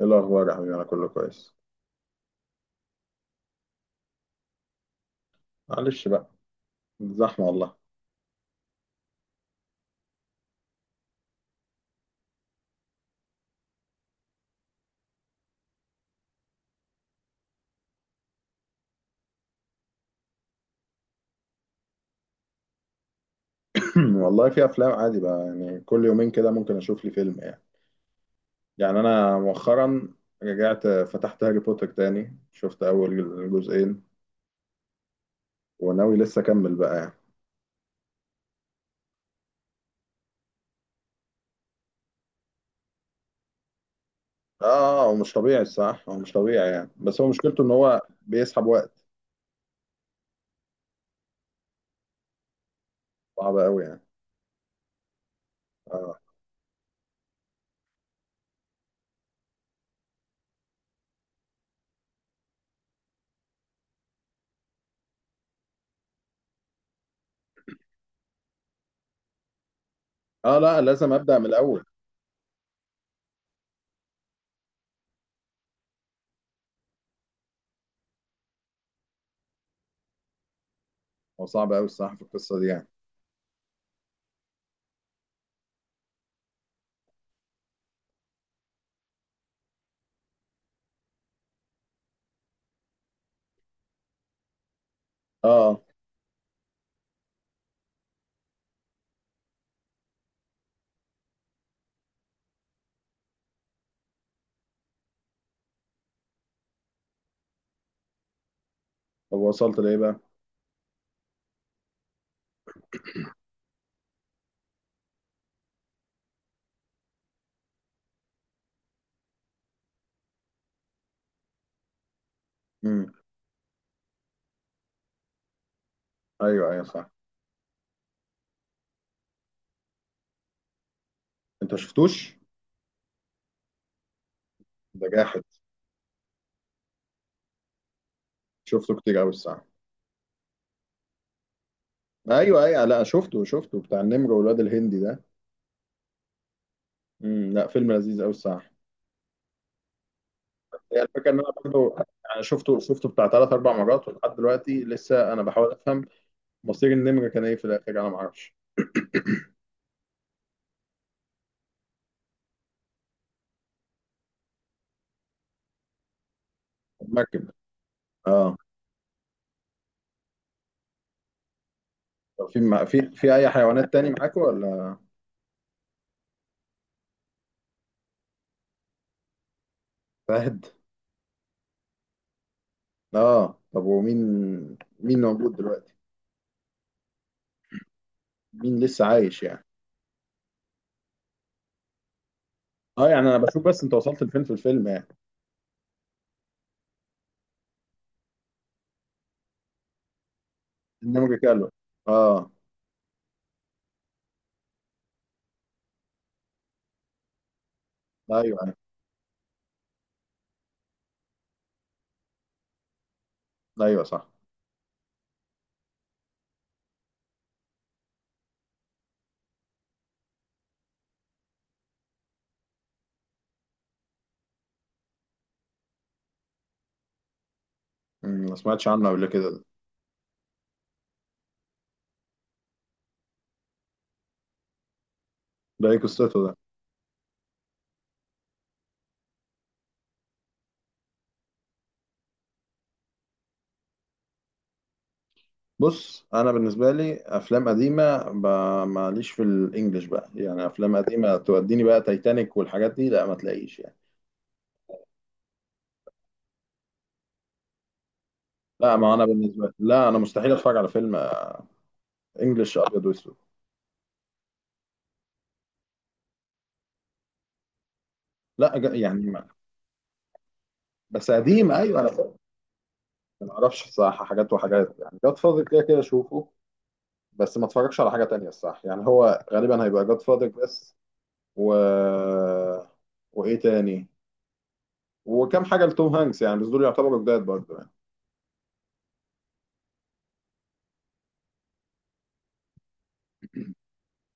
ايه الاخبار يا حبيبي؟ انا كله كويس. معلش بقى، زحمه والله. والله في افلام، عادي بقى يعني كل يومين كده ممكن اشوف لي فيلم يعني. يعني انا مؤخرا رجعت فتحت هاري بوتر تاني، شفت اول جزئين وناوي لسه اكمل بقى يعني. اه، هو مش طبيعي الصح، هو مش طبيعي يعني، بس هو مشكلته ان هو بيسحب وقت. صعب قوي يعني. اه. اه لا، لازم ابدا من الاول. هو صعب قوي الصح في القصه دي يعني. اه آه. طب وصلت لايه بقى؟ امم ايوه ايوه صح. انت شفتوش؟ ده جاحد. شفته كتير قوي الصح. ايوه ايوه لا، شفته بتاع النمر والواد الهندي ده. لا، فيلم لذيذ قوي الصراحه. هي الفكره ان انا برضه أنا شفته بتاع ثلاث اربع مرات ولحد دلوقتي لسه انا بحاول افهم مصير النمر كان ايه في الاخر، انا ما اعرفش. مركب. اه. طب في اي حيوانات تاني معاكوا ولا؟ فهد. اه، طب ومين؟ مين موجود دلوقتي؟ مين لسه عايش يعني؟ اه، يعني انا بشوف بس انت وصلت لفين في الفيلم يعني. النمر كله. اه. ايوه ايوه. أيوة، صح. ما سمعتش عنه قبل كده ده. ده ايه قصته ده؟ بص، انا بالنسبه لي افلام قديمه ماليش في الانجليش بقى يعني. افلام قديمه توديني بقى تايتانيك والحاجات دي، لا ما تلاقيش يعني. لا، ما انا بالنسبه لي، لا انا مستحيل اتفرج على فيلم انجليش ابيض واسود. لا جا- يعني ما. بس قديم، ايوه انا فاهم. ما اعرفش الصراحه، حاجات وحاجات يعني جاد فاضل كده كده اشوفه، بس ما اتفرجش على حاجه تانية الصراحه. يعني هو غالبا هيبقى جاد فاضل بس. و، وايه تاني، وكم حاجه لتوم هانكس يعني، بس دول يعتبروا جداد برضه يعني.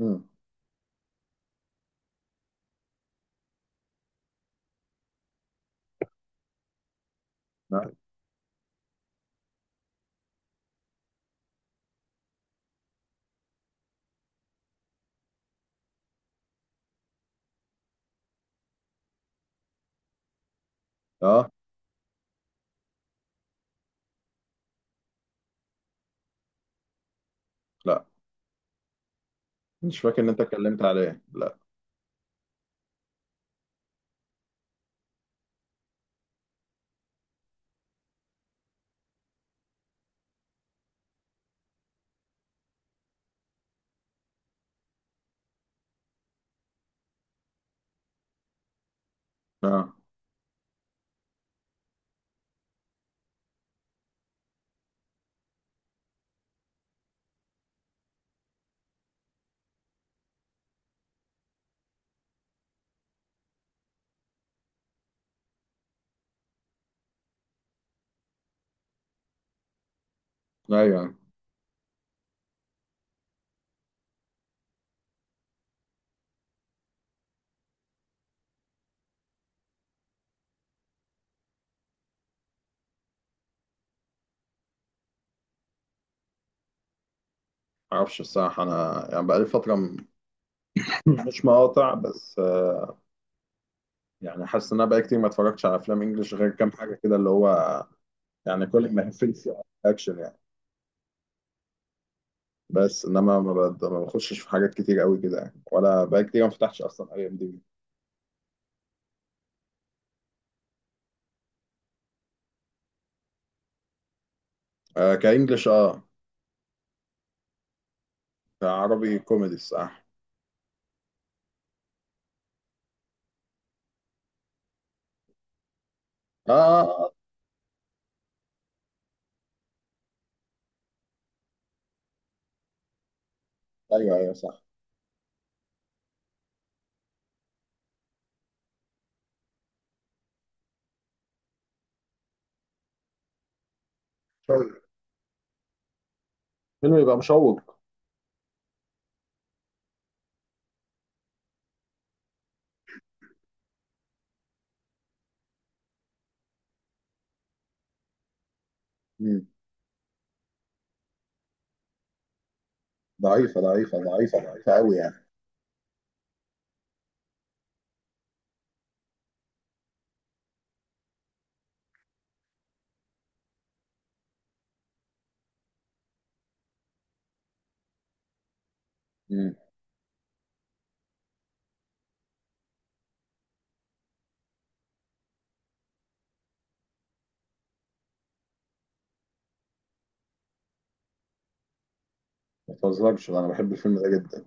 امم اه لا، مش فاكر ان انت اتكلمت عليه، لا. اه ايوه. معرفش الصراحة انا، يعني بقالي فترة مش مقاطع بس يعني حاسس ان انا بقالي كتير ما اتفرجتش على افلام انجلش غير كام حاجة كده، اللي هو يعني كل ما يقفلش اكشن يعني. بس انما ما بخشش في حاجات كتير قوي كده يعني، ولا بقالي كتير ما فتحتش اصلا اي ام دي بي. كانجلش، اه. كعربي كوميدي الصراحة. اه ايوه ايوه صح. شوق. فيلم يبقى مشوق. مم. ضعيفة ضعيفة ضعيفة ضعيفة قوي يعني. مم. ما تهزرش، انا بحب الفيلم ده جدا.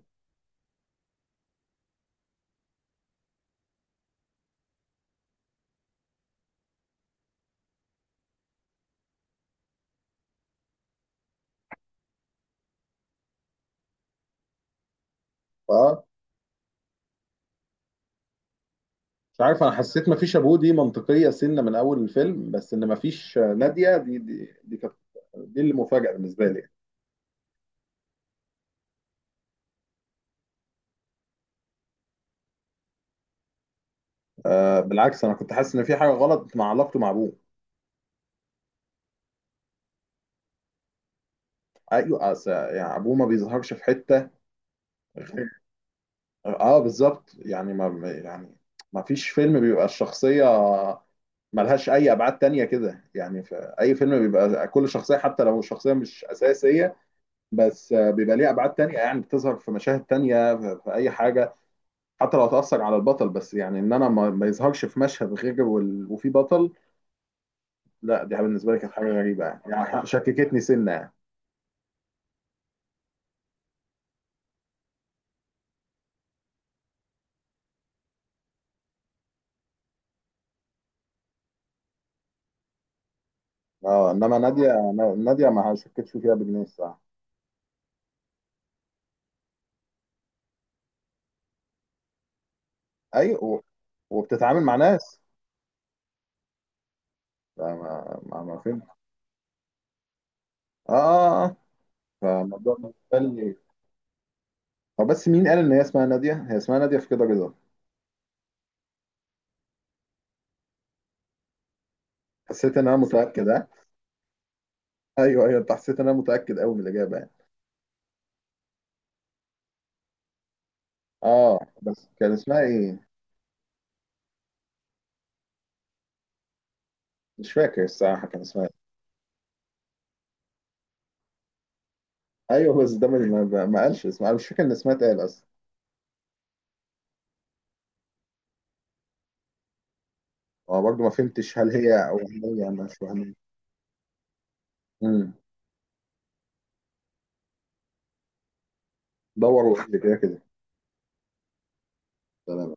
اه. مش عارف، انا حسيت مفيش ابوه دي منطقيه سنه من اول الفيلم، بس ان مفيش ناديه دي كانت، دي اللي مفاجاه بالنسبه لي. بالعكس انا كنت حاسس ان في حاجه غلط مع علاقته مع ابوه. ايوه، يعني ابوه ما بيظهرش في حته غير- اه بالظبط، يعني ما يعني ما فيش فيلم بيبقى الشخصيه ملهاش اي ابعاد تانية كده يعني. في اي فيلم بيبقى كل شخصيه حتى لو الشخصيه مش اساسيه، بس بيبقى ليها ابعاد تانية يعني بتظهر في مشاهد تانية في اي حاجه، حتى لو هتأثر على البطل. بس يعني ان انا ما يظهرش في مشهد غير وفي بطل. لا، دي بالنسبه لي كانت حاجه غريبه يعني، شككتني سنه يعني. اه، انما ناديه. ناديه ما شكتش فيها بجنيه الصراحه. ايوه وبتتعامل مع ناس. فما ما فين. اه اه اه آه. فالموضوع بالنسبه لي، هو بس مين قال ان هي اسمها ناديه؟ هي اسمها ناديه في كده رضا. حسيت ان انا متاكد، ها؟ ايوه ايوه، انت حسيت ان انا متاكد قوي من الاجابه يعني. اه بس كان اسمها ايه؟ مش فاكر الصراحه كان اسمها. ايوه بس ده ما، ما قالش اسمها. أنا مش فاكر ان اسمها اتقال اصلا. هو برضه ما فهمتش هل هي او هي مش وهمية. امم دور وقول لي كده كده. تمام.